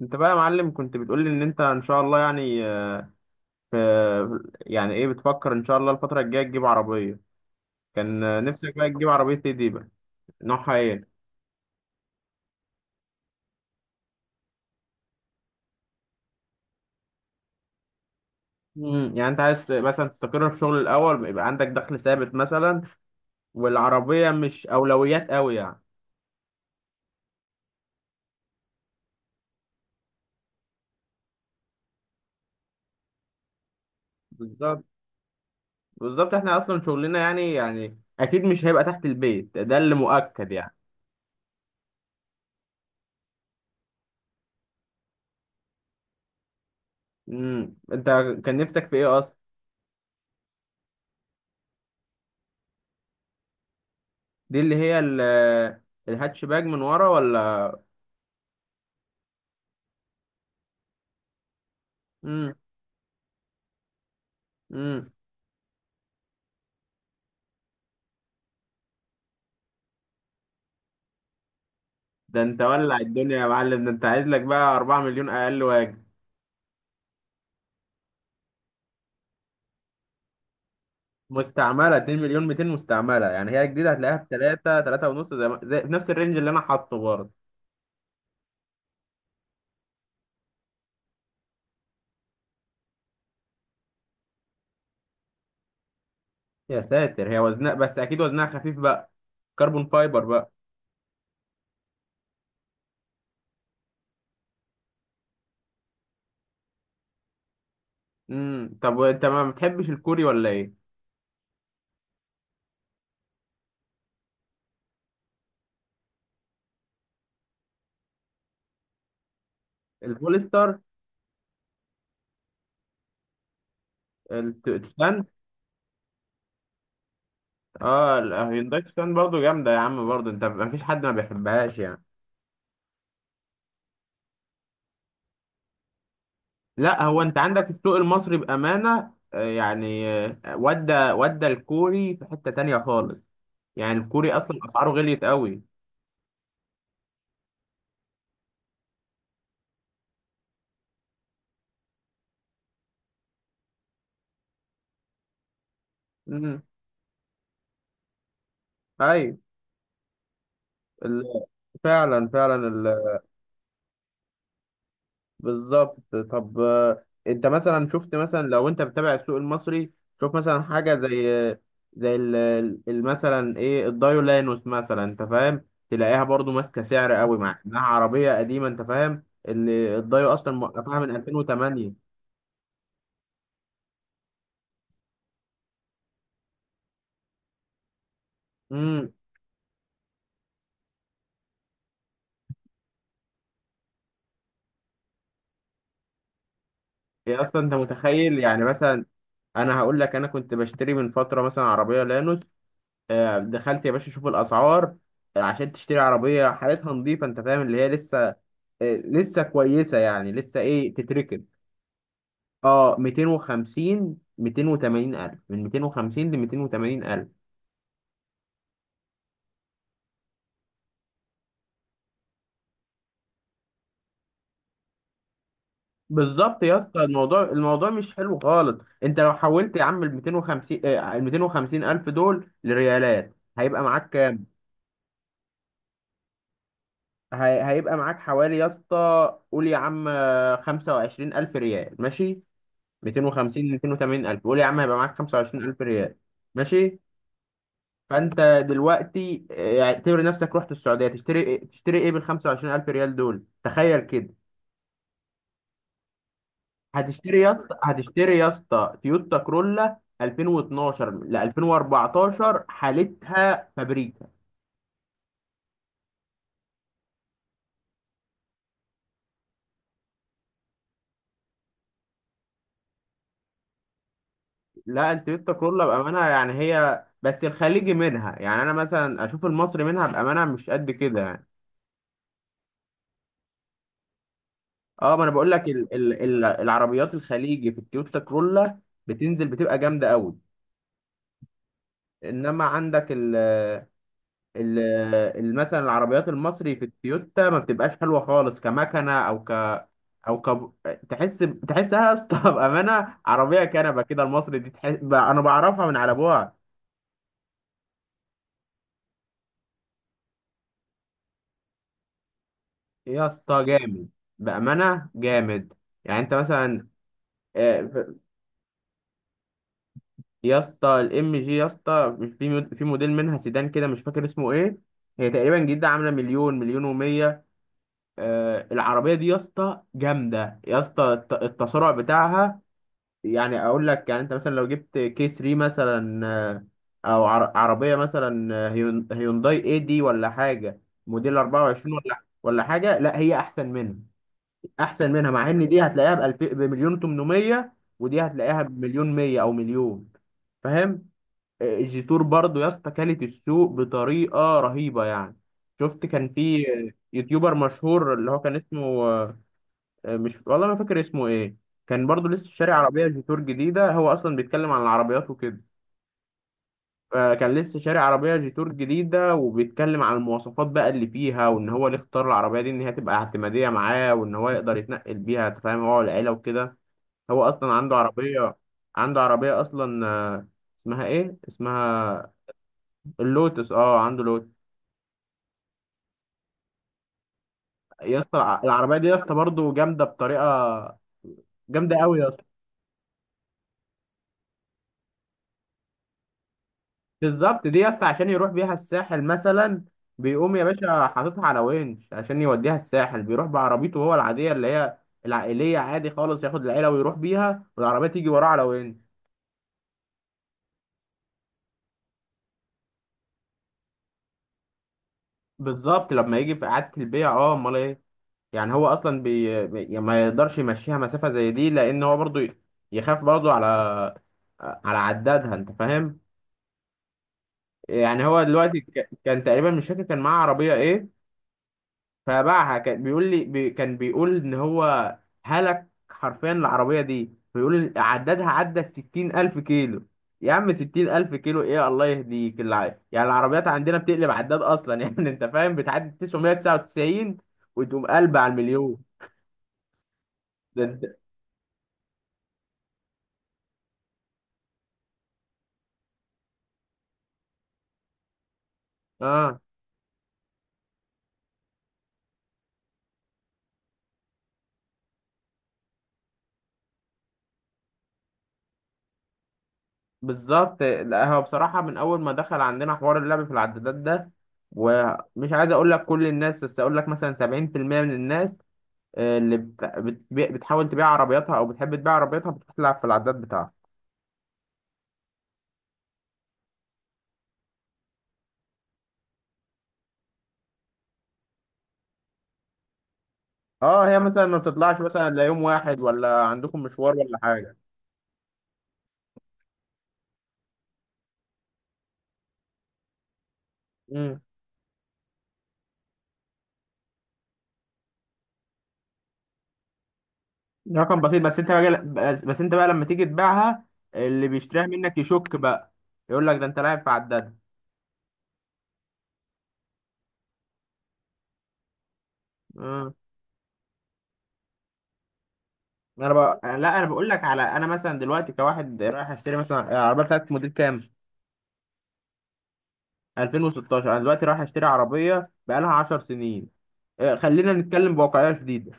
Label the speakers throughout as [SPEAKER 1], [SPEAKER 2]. [SPEAKER 1] انت بقى يا معلم، كنت بتقول لي ان انت ان شاء الله يعني في يعني ايه بتفكر ان شاء الله الفتره الجايه تجيب عربيه. كان نفسك بقى تجيب عربيه ايه دي بقى؟ نوعها ايه؟ يعني انت عايز مثلا تستقر في شغل الاول، يبقى عندك دخل ثابت مثلا والعربيه مش اولويات قوي يعني. بالظبط. بالظبط احنا اصلا شغلنا يعني اكيد مش هيبقى تحت البيت ده، اللي مؤكد يعني. انت كان نفسك في ايه اصلا؟ دي اللي هي الهاتشباك من ورا ولا؟ امم ده انت ولع الدنيا يا معلم، ده انت عايز لك بقى 4 مليون اقل واجب. مستعمله 2 مليون 200 مستعمله؟ يعني هي جديده هتلاقيها ب 3 3 ونص زي, ما- زي في نفس الرينج اللي انا حاطه برضه. يا ساتر، هي وزنها، بس اكيد وزنها خفيف بقى، كربون فايبر بقى. طب وانت ما بتحبش الكوري ولا ايه؟ البوليستر؟ التوشان؟ اه، الهيونداي توشان برضه جامده يا عم، برضه انت ما فيش حد ما بيحبهاش يعني. لا هو انت عندك السوق المصري بامانه، يعني ودى الكوري في حته تانية خالص يعني. الكوري اصلا اسعاره غليت قوي. امم اي فعلا، فعلا بالظبط. طب انت مثلا شفت، مثلا لو انت بتتابع السوق المصري شوف مثلا حاجه زي زي مثلا ايه الدايولانوس مثلا، انت فاهم؟ تلاقيها برضو ماسكه سعر قوي مع انها عربيه قديمه، انت فاهم؟ اللي الدايو اصلا موقفها من 2008. يا اصلا انت متخيل يعني، مثلا انا هقول لك انا كنت بشتري من فتره مثلا عربيه لانوس. دخلت يا باشا اشوف الاسعار. عشان تشتري عربيه حالتها نظيفه، انت فاهم اللي هي لسه لسه كويسه يعني لسه ايه تتركب. اه 250، 280 الف، من 250 ل 280 الف. بالظبط يا اسطى، الموضوع مش حلو خالص. انت لو حولت يا عم ال 250 الف دول لريالات هيبقى معاك، هيبقى معاك حوالي يا اسطى، قول يا عم 25 ألف ريال ماشي. 250، 280 ألف، قول يا عم هيبقى معاك 25 ألف ريال، ماشي؟ فأنت دلوقتي اعتبر نفسك رحت السعودية تشتري تشتري إيه بالخمسة وعشرين ألف ريال دول، تخيل كده. هتشتري يا اسطى، تويوتا كرولا 2012 ل 2014 حالتها فابريك. لا التويوتا كورلا بأمانة، يعني هي بس الخليجي منها، يعني أنا مثلا أشوف المصري منها بأمانة مش قد كده يعني. أه ما أنا بقول لك ال ال ال العربيات الخليجي في التويوتا كورلا بتنزل بتبقى جامدة أوي. إنما عندك ال مثلا العربيات المصري في التويوتا ما بتبقاش حلوة خالص، كمكنة أو ك تحس تحسها يا اسطى بأمانة عربية كنبة كده المصري دي، تحس أنا بعرفها من على أبوها. يا اسطى جامد، بأمانة جامد. يعني انت مثلا آه، يا اسطى الام جي، يا اسطى مش في في موديل منها سيدان كده، مش فاكر اسمه ايه. هي تقريبا جديده عامله مليون، مليون ومية. العربيه دي يا اسطى جامده، يا اسطى التسارع بتاعها. يعني اقول لك يعني انت مثلا لو جبت كي 3 مثلا، او عربيه مثلا هيونداي اي دي ولا حاجه موديل 24 ولا حاجه، لا هي احسن منها. احسن منها مع ان دي هتلاقيها بمليون 800 ودي هتلاقيها بمليون 100 او مليون، فاهم؟ جيتور برضو يا اسطى كلت السوق بطريقه رهيبه يعني. شفت كان في يوتيوبر مشهور اللي هو كان اسمه مش والله ما فاكر اسمه ايه. كان برضو لسه شاري عربيه جيتور جديده، هو اصلا بيتكلم عن العربيات وكده. فكان لسه شاري عربيه جيتور جديده وبيتكلم عن المواصفات بقى اللي فيها، وان هو اللي اختار العربيه دي ان هي تبقى اعتماديه معاه، وان هو يقدر يتنقل بيها أنت فاهم، هو والعيله وكده. هو اصلا عنده عربيه اصلا اسمها ايه، اسمها اللوتس، اه عنده لوتس. يا اسطى العربيه دي يا اسطى برضه جامده بطريقه، جامده قوي يا اسطى. بالظبط، دي يا اسطى عشان يروح بيها الساحل مثلا، بيقوم يا باشا حاططها على ونش عشان يوديها الساحل، بيروح بعربيته هو العاديه اللي هي العائليه عادي خالص، ياخد العيله ويروح بيها والعربيه تيجي وراه على ونش. بالظبط، لما يجي في اعاده البيع اه، امال ايه. يعني هو اصلا يعني ما يقدرش يمشيها مسافه زي دي، لان هو برضه يخاف برضه على عدادها، انت فاهم. يعني هو دلوقتي كان تقريبا مش فاكر كان معاه عربية ايه فباعها، كان بيقول لي كان بيقول ان هو هلك حرفيا العربية دي، بيقول عددها عدى الـ60 ألف كيلو. يا عم 60 ألف كيلو، ايه الله يهديك يعني العربيات عندنا بتقلب عداد أصلا يعني أنت فاهم، بتعدي 999 وتقوم قلب على المليون. ده انت اه بالظبط. لا هو بصراحة من أول ما دخل عندنا حوار اللعب في العدادات ده، ومش عايز أقول لك كل الناس، بس أقول لك مثلا 70% من الناس اللي بتحاول تبيع عربياتها أو بتحب تبيع عربياتها بتروح تلعب في العداد بتاعها. أه هي مثلا ما بتطلعش مثلا إلا يوم واحد، ولا عندكم مشوار ولا حاجة. امم رقم بسيط، بس أنت بقى، بس أنت بقى لما تيجي تبيعها اللي بيشتريها منك يشك بقى، يقول لك ده أنت لاعب في عداد. آه. لا انا بقول لك على، انا مثلا دلوقتي كواحد رايح اشتري مثلا العربيه، بتاعت موديل كام؟ 2016. انا دلوقتي رايح اشتري عربيه بقالها 10 سنين، خلينا نتكلم بواقعيه شديده.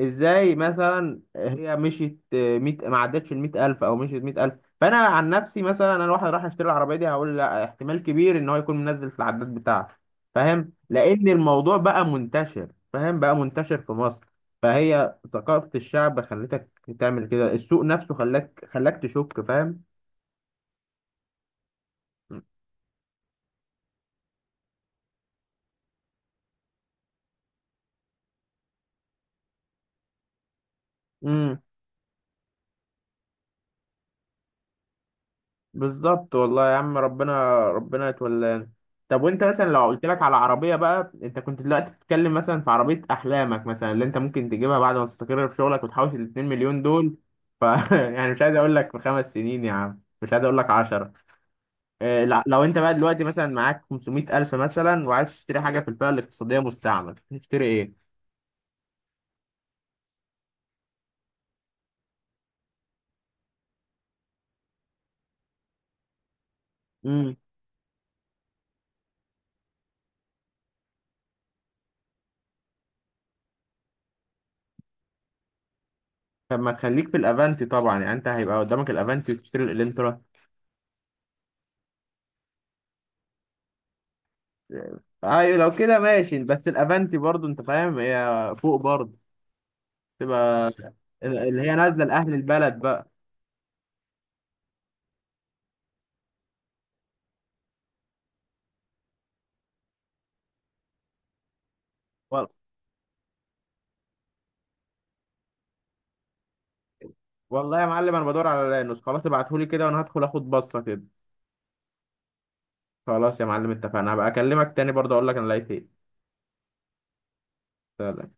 [SPEAKER 1] ازاي مثلا هي مشيت ميت ما عدتش ال 100000 او مشيت 100000؟ فانا عن نفسي مثلا، انا واحد راح اشتري العربيه دي هقول لا، احتمال كبير ان هو يكون منزل في العداد بتاعته، فاهم؟ لان الموضوع بقى منتشر، فاهم؟ بقى منتشر في مصر. فهي ثقافه الشعب خلتك تعمل كده، السوق نفسه خلاك تشك، فاهم. امم. بالظبط والله يا عم، ربنا ربنا يتولانا. طب وانت مثلا لو قلت لك على عربيه بقى، انت كنت دلوقتي بتتكلم مثلا في عربيه احلامك مثلا اللي انت ممكن تجيبها بعد ما تستقر في شغلك وتحوش ال 2 مليون دول. ف يعني مش عايز اقول لك في 5 سنين يا عم، مش عايز اقول لك 10. إيه لا، لو انت بقى دلوقتي مثلا معاك 500000 مثلا وعايز تشتري حاجه في الفئه الاقتصاديه مستعمل تشتري ايه؟ امم طب ما تخليك في الافانتي طبعا، يعني انت هيبقى قدامك الافانتي وتشتري الالنترا. ايوه لو كده ماشي، بس الافنتي برضو انت فاهم هي فوق برضو، تبقى اللي هي نازله لاهل البلد بقى. وال- والله يا معلم انا بدور على لانوس، خلاص ابعتهولي كده وانا هدخل اخد بصه كده. خلاص يا معلم اتفقنا، هبقى اكلمك تاني برضو اقول لك انا لقيت ايه. سلام.